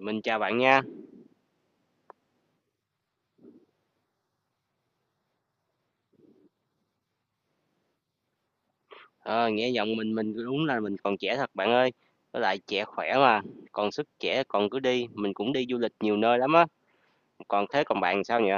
Mình chào bạn nha. Ờ, nghe giọng mình đúng là mình còn trẻ thật bạn ơi. Với lại trẻ khỏe mà, còn sức trẻ còn cứ đi, mình cũng đi du lịch nhiều nơi lắm á. Còn thế còn bạn sao nhỉ?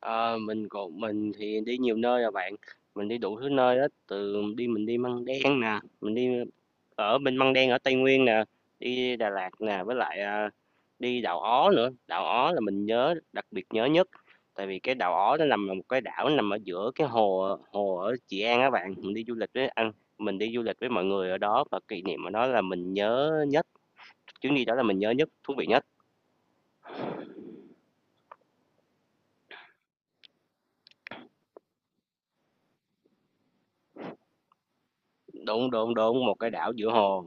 Ờ, mình còn mình thì đi nhiều nơi rồi bạn. Mình đi đủ thứ nơi đó từ đi mình đi Măng Đen nè, mình đi ở bên Măng Đen ở Tây Nguyên nè, đi Đà Lạt nè, với lại, đi đảo Ó nữa. Đảo Ó là mình nhớ đặc biệt nhớ nhất, tại vì cái đảo Ó nó nằm ở một cái đảo nằm ở giữa cái hồ hồ ở Trị An các bạn. Mình đi du lịch với anh mình đi du lịch với mọi người ở đó và kỷ niệm ở đó là mình nhớ nhất, chuyến đi đó là mình nhớ nhất, thú vị nhất. Đúng, đúng, đúng, một cái đảo giữa hồ,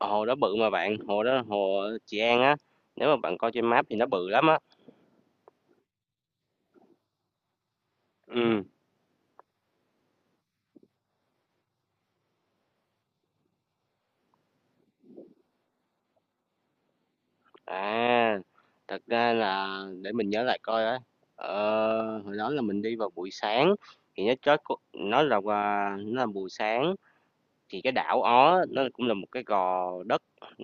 hồ đó bự mà bạn, hồ đó hồ ở Trị An á, nếu mà bạn coi trên map thì nó bự lắm á. Ừm. À, thật ra là để mình nhớ lại coi á, hồi đó là mình đi vào buổi sáng thì nó chót có nó là nó là buổi sáng thì cái đảo Ó nó cũng là một cái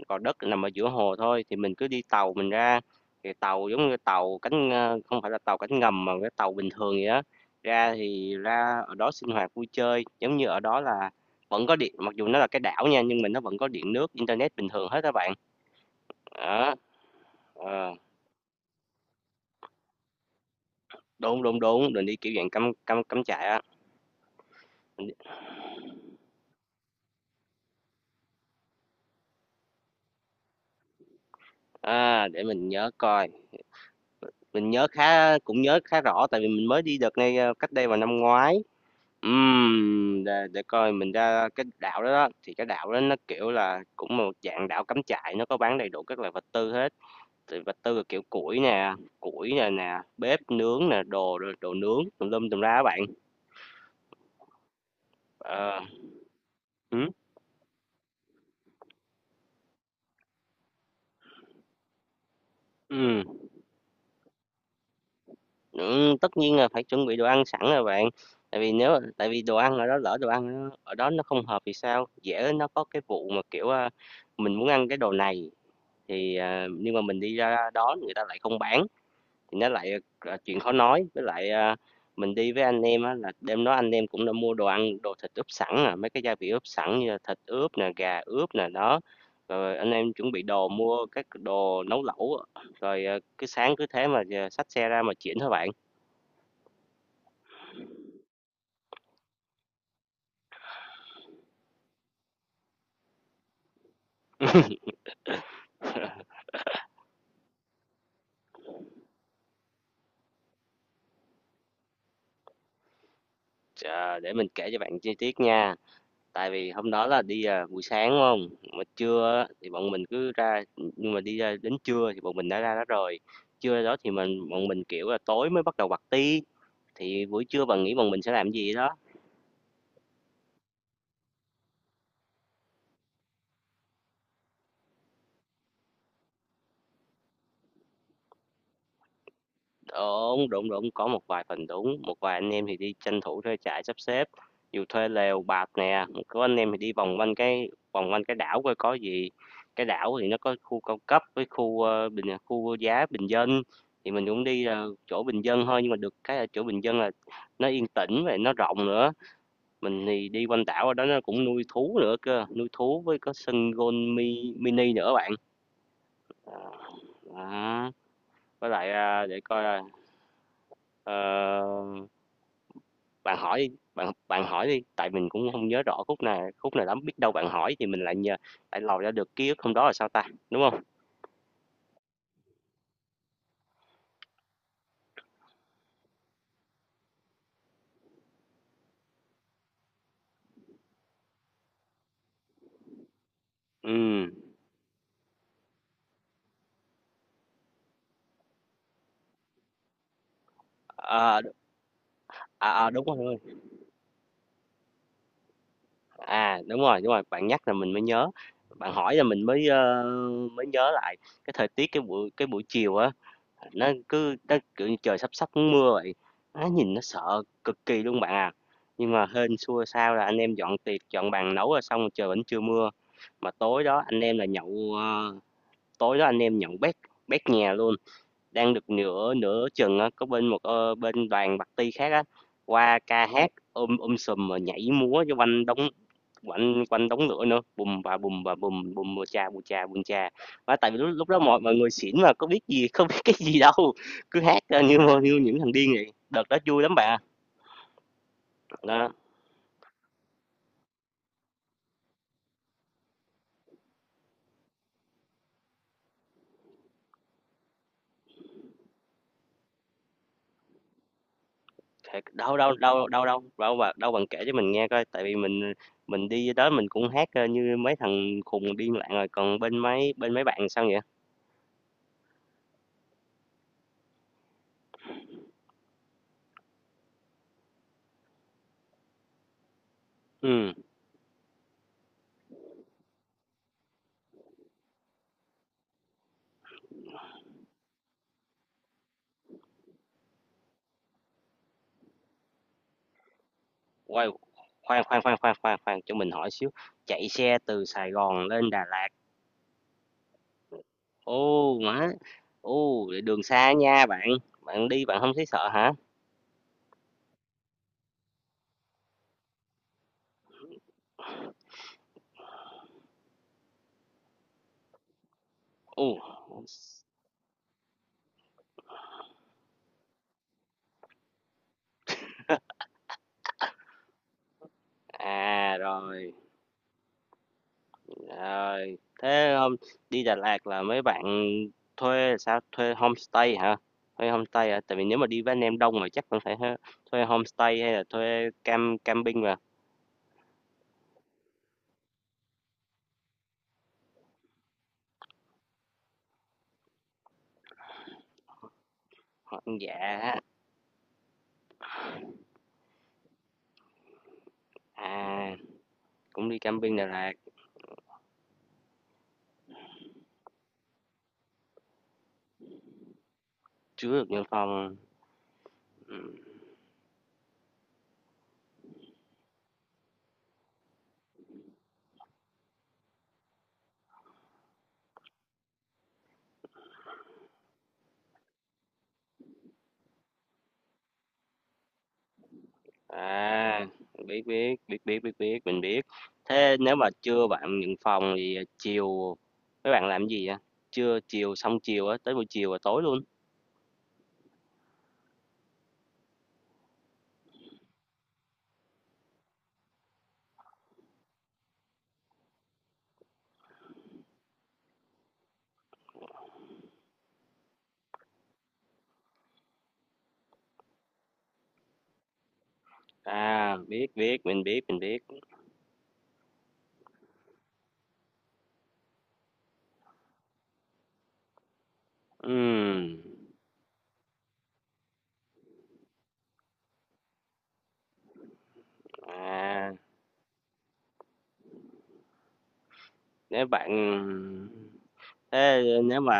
gò đất nằm ở giữa hồ thôi thì mình cứ đi tàu mình ra thì tàu giống như tàu cánh à, không phải là tàu cánh ngầm mà cái tàu bình thường vậy đó ra thì ra ở đó sinh hoạt vui chơi giống như ở đó là vẫn có điện mặc dù nó là cái đảo nha nhưng mà nó vẫn có điện nước internet bình thường hết các bạn đó ờ. Đúng, đúng, đúng, mình đi kiểu dạng cắm cắm cắm trại á. Mình à, để mình nhớ coi, mình nhớ khá cũng nhớ khá rõ tại vì mình mới đi đợt này, cách đây vào năm ngoái. Để coi mình ra cái đảo đó đó, thì cái đảo đó nó, kiểu là, cũng một dạng đảo cắm trại, nó có bán đầy đủ các loại vật tư hết, thì vật tư là kiểu củi nè nè, bếp nướng nè, đồ đồ nướng tùm lum tùm la á bạn. Ờ, hứm, ừm. Tất nhiên là phải chuẩn bị đồ ăn sẵn rồi bạn, tại vì đồ ăn ở đó lỡ đồ ăn nó ở đó nó không hợp thì sao? Dễ nó có cái vụ mà, kiểu, mình muốn ăn cái đồ này thì, nhưng mà mình đi ra đó người ta lại không bán, thì nó lại, chuyện khó nói. Với lại, mình đi với anh em á là đêm đó anh em cũng đã mua đồ ăn, đồ thịt ướp sẵn à, mấy cái gia vị ướp sẵn như là thịt ướp nè, gà ướp nè, đó. Rồi anh em chuẩn bị đồ, mua các đồ nấu lẩu, rồi, cứ sáng cứ thế mà, xách xe ra mà chuyển thôi bạn. Ờ, để mình kể cho bạn chi tiết nha. Tại vì hôm đó là đi, buổi sáng, đúng hông? Mà trưa á thì bọn mình cứ ra, nhưng mà đi ra đến trưa thì bọn mình đã ra đó rồi. Trưa đó thì mình bọn mình, kiểu là, tối mới bắt đầu party, thì buổi trưa bạn nghĩ bọn mình sẽ làm gì đó? Đúng, đúng, đúng, có một vài phần đúng, một vài anh em thì đi tranh thủ thuê trại sắp xếp, dù thuê lều bạt nè, có anh em thì đi vòng quanh cái đảo coi có gì. Cái đảo thì nó có khu cao cấp với khu bình khu giá bình dân thì mình cũng đi chỗ bình dân thôi nhưng mà được cái ở chỗ bình dân là nó yên tĩnh và nó rộng nữa. Mình thì đi quanh đảo ở đó nó cũng nuôi thú nữa cơ, nuôi thú với có sân golf mini nữa bạn. Ờ, đó. Với lại để coi à, ờ, bạn hỏi đi, bạn bạn hỏi đi, tại mình cũng không nhớ rõ khúc nào lắm, biết đâu bạn hỏi thì mình lại nhờ lại lòi ra được ký ức hôm đó là sao ta, đúng không? Ừm, ờ, à, à, đúng rồi, à, đúng rồi, bạn nhắc là mình mới nhớ, bạn hỏi là mình mới, mới nhớ lại cái thời tiết cái buổi chiều á, nó cứ nó, kiểu như, trời sắp sắp mưa vậy, nó nhìn nó sợ cực kỳ luôn bạn à. Nhưng mà hên xui sao là anh em dọn tiệc, dọn bàn nấu rồi xong trời vẫn chưa mưa, mà tối đó anh em là nhậu, tối đó anh em nhận bét bét nhà luôn đang được nửa nửa chừng á có bên một bên đoàn bạc ti khác á qua ca hát ôm ôm sùm mà nhảy múa cho quanh đống quanh quanh đống lửa nữa bùm bà bùm bà bùm bùm bùm cha bùm cha bùm cha và tại vì lúc đó mọi mọi người xỉn mà có biết gì không biết cái gì đâu cứ hát ra như như những thằng điên vậy đợt đó vui lắm bạn ạ. Đó. Thiệt, đâu, đâu, đâu, đâu, đâu, đâu bà đâu bạn kể cho mình nghe coi, tại vì mình đi tới mình cũng hát, như mấy thằng khùng điên loạn rồi, còn bên mấy bạn sao vậy? Ừm, uầy, khoan, khoan, khoan, khoan, khoan, khoan, cho mình hỏi xíu, chạy xe từ Sài Gòn lên Đà Lạt, ô má, ô, vậy đường xa nha bạn, bạn đi bạn không thấy sợ hả? Ô, à, rồi. Rồi, thế hôm đi Đà Lạt là mấy bạn thuê sao? Thuê homestay hả? Thuê homestay hả? Tại vì nếu mà đi với anh em đông mà chắc cũng phải thuê homestay hay là thuê camping mà. Họ- ăn Dạ, à cũng đi camping Đà Lạt, chứa được nhân phong. Ừ. À, biết biết biết biết biết biết mình biết. Thế nếu mà trưa bạn nhận phòng thì chiều mấy bạn làm gì vậy? Trưa chiều xong chiều á, tới buổi chiều và tối luôn. À, biết biết mình biết mình biết. Ừm, à, nếu bạn thế nếu mà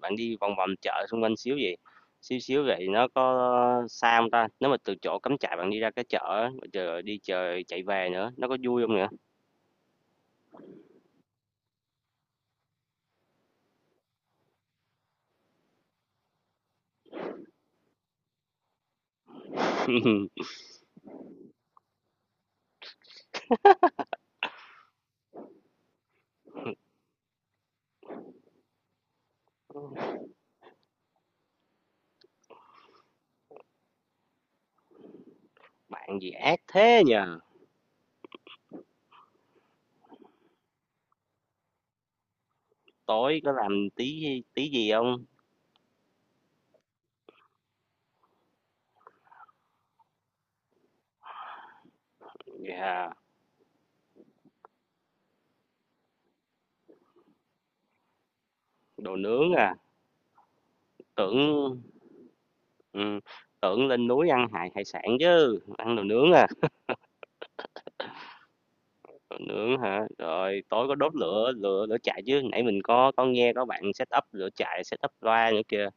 bạn đi vòng vòng chợ xung quanh xíu vậy, xíu xíu vậy nó có xa không ta? Nếu mà từ chỗ cắm trại bạn đi ra cái chợ á, rồi chờ đi chờ chạy về nữa, nó có vui không nữa? Bạn gì ác thế nhỉ? Tối có làm tí tí gì không? Dạ, đồ nướng à, tưởng ừm, tưởng lên núi ăn hải hải sản chứ, ăn đồ nướng à. Còn nướng hả? Rồi tối có đốt lửa lửa lửa trại chứ, nãy mình có nghe có bạn set up lửa trại, set up loa nữa kìa.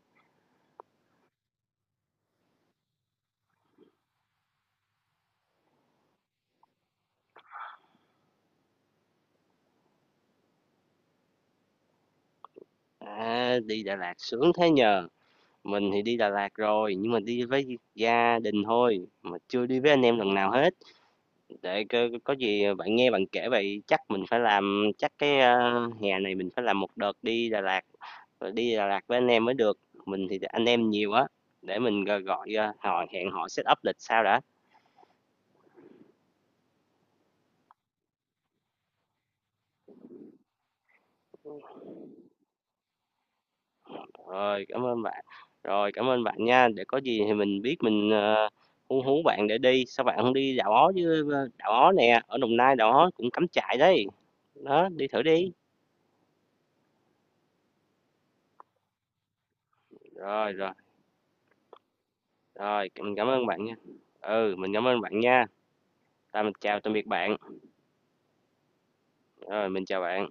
À, đi Đà Lạt sướng thế nhờ. Mình thì đi Đà Lạt rồi, nhưng mà đi với gia đình thôi, mà chưa đi với anh em lần nào hết. Để có gì bạn nghe bạn kể vậy, chắc mình phải làm, chắc cái hè này mình phải làm một đợt đi Đà Lạt, rồi đi Đà Lạt với anh em mới được. Mình thì anh em nhiều á, để mình gọi, gọi hỏi hẹn họ set up lịch sao đã. Rồi, cảm ơn bạn. Rồi, cảm ơn bạn nha, để có gì thì mình biết mình, hú hú bạn để đi, sao bạn không đi Đảo Ó chứ? Ờ, Đảo Ó nè, ở Đồng Nai Đảo Ó cũng cắm trại đấy, đó, đi thử đi. Rồi, rồi, rồi, mình cảm ơn bạn nha. Ừ, mình cảm ơn bạn nha. Rồi, mình chào tạm biệt bạn. Rồi, mình chào bạn.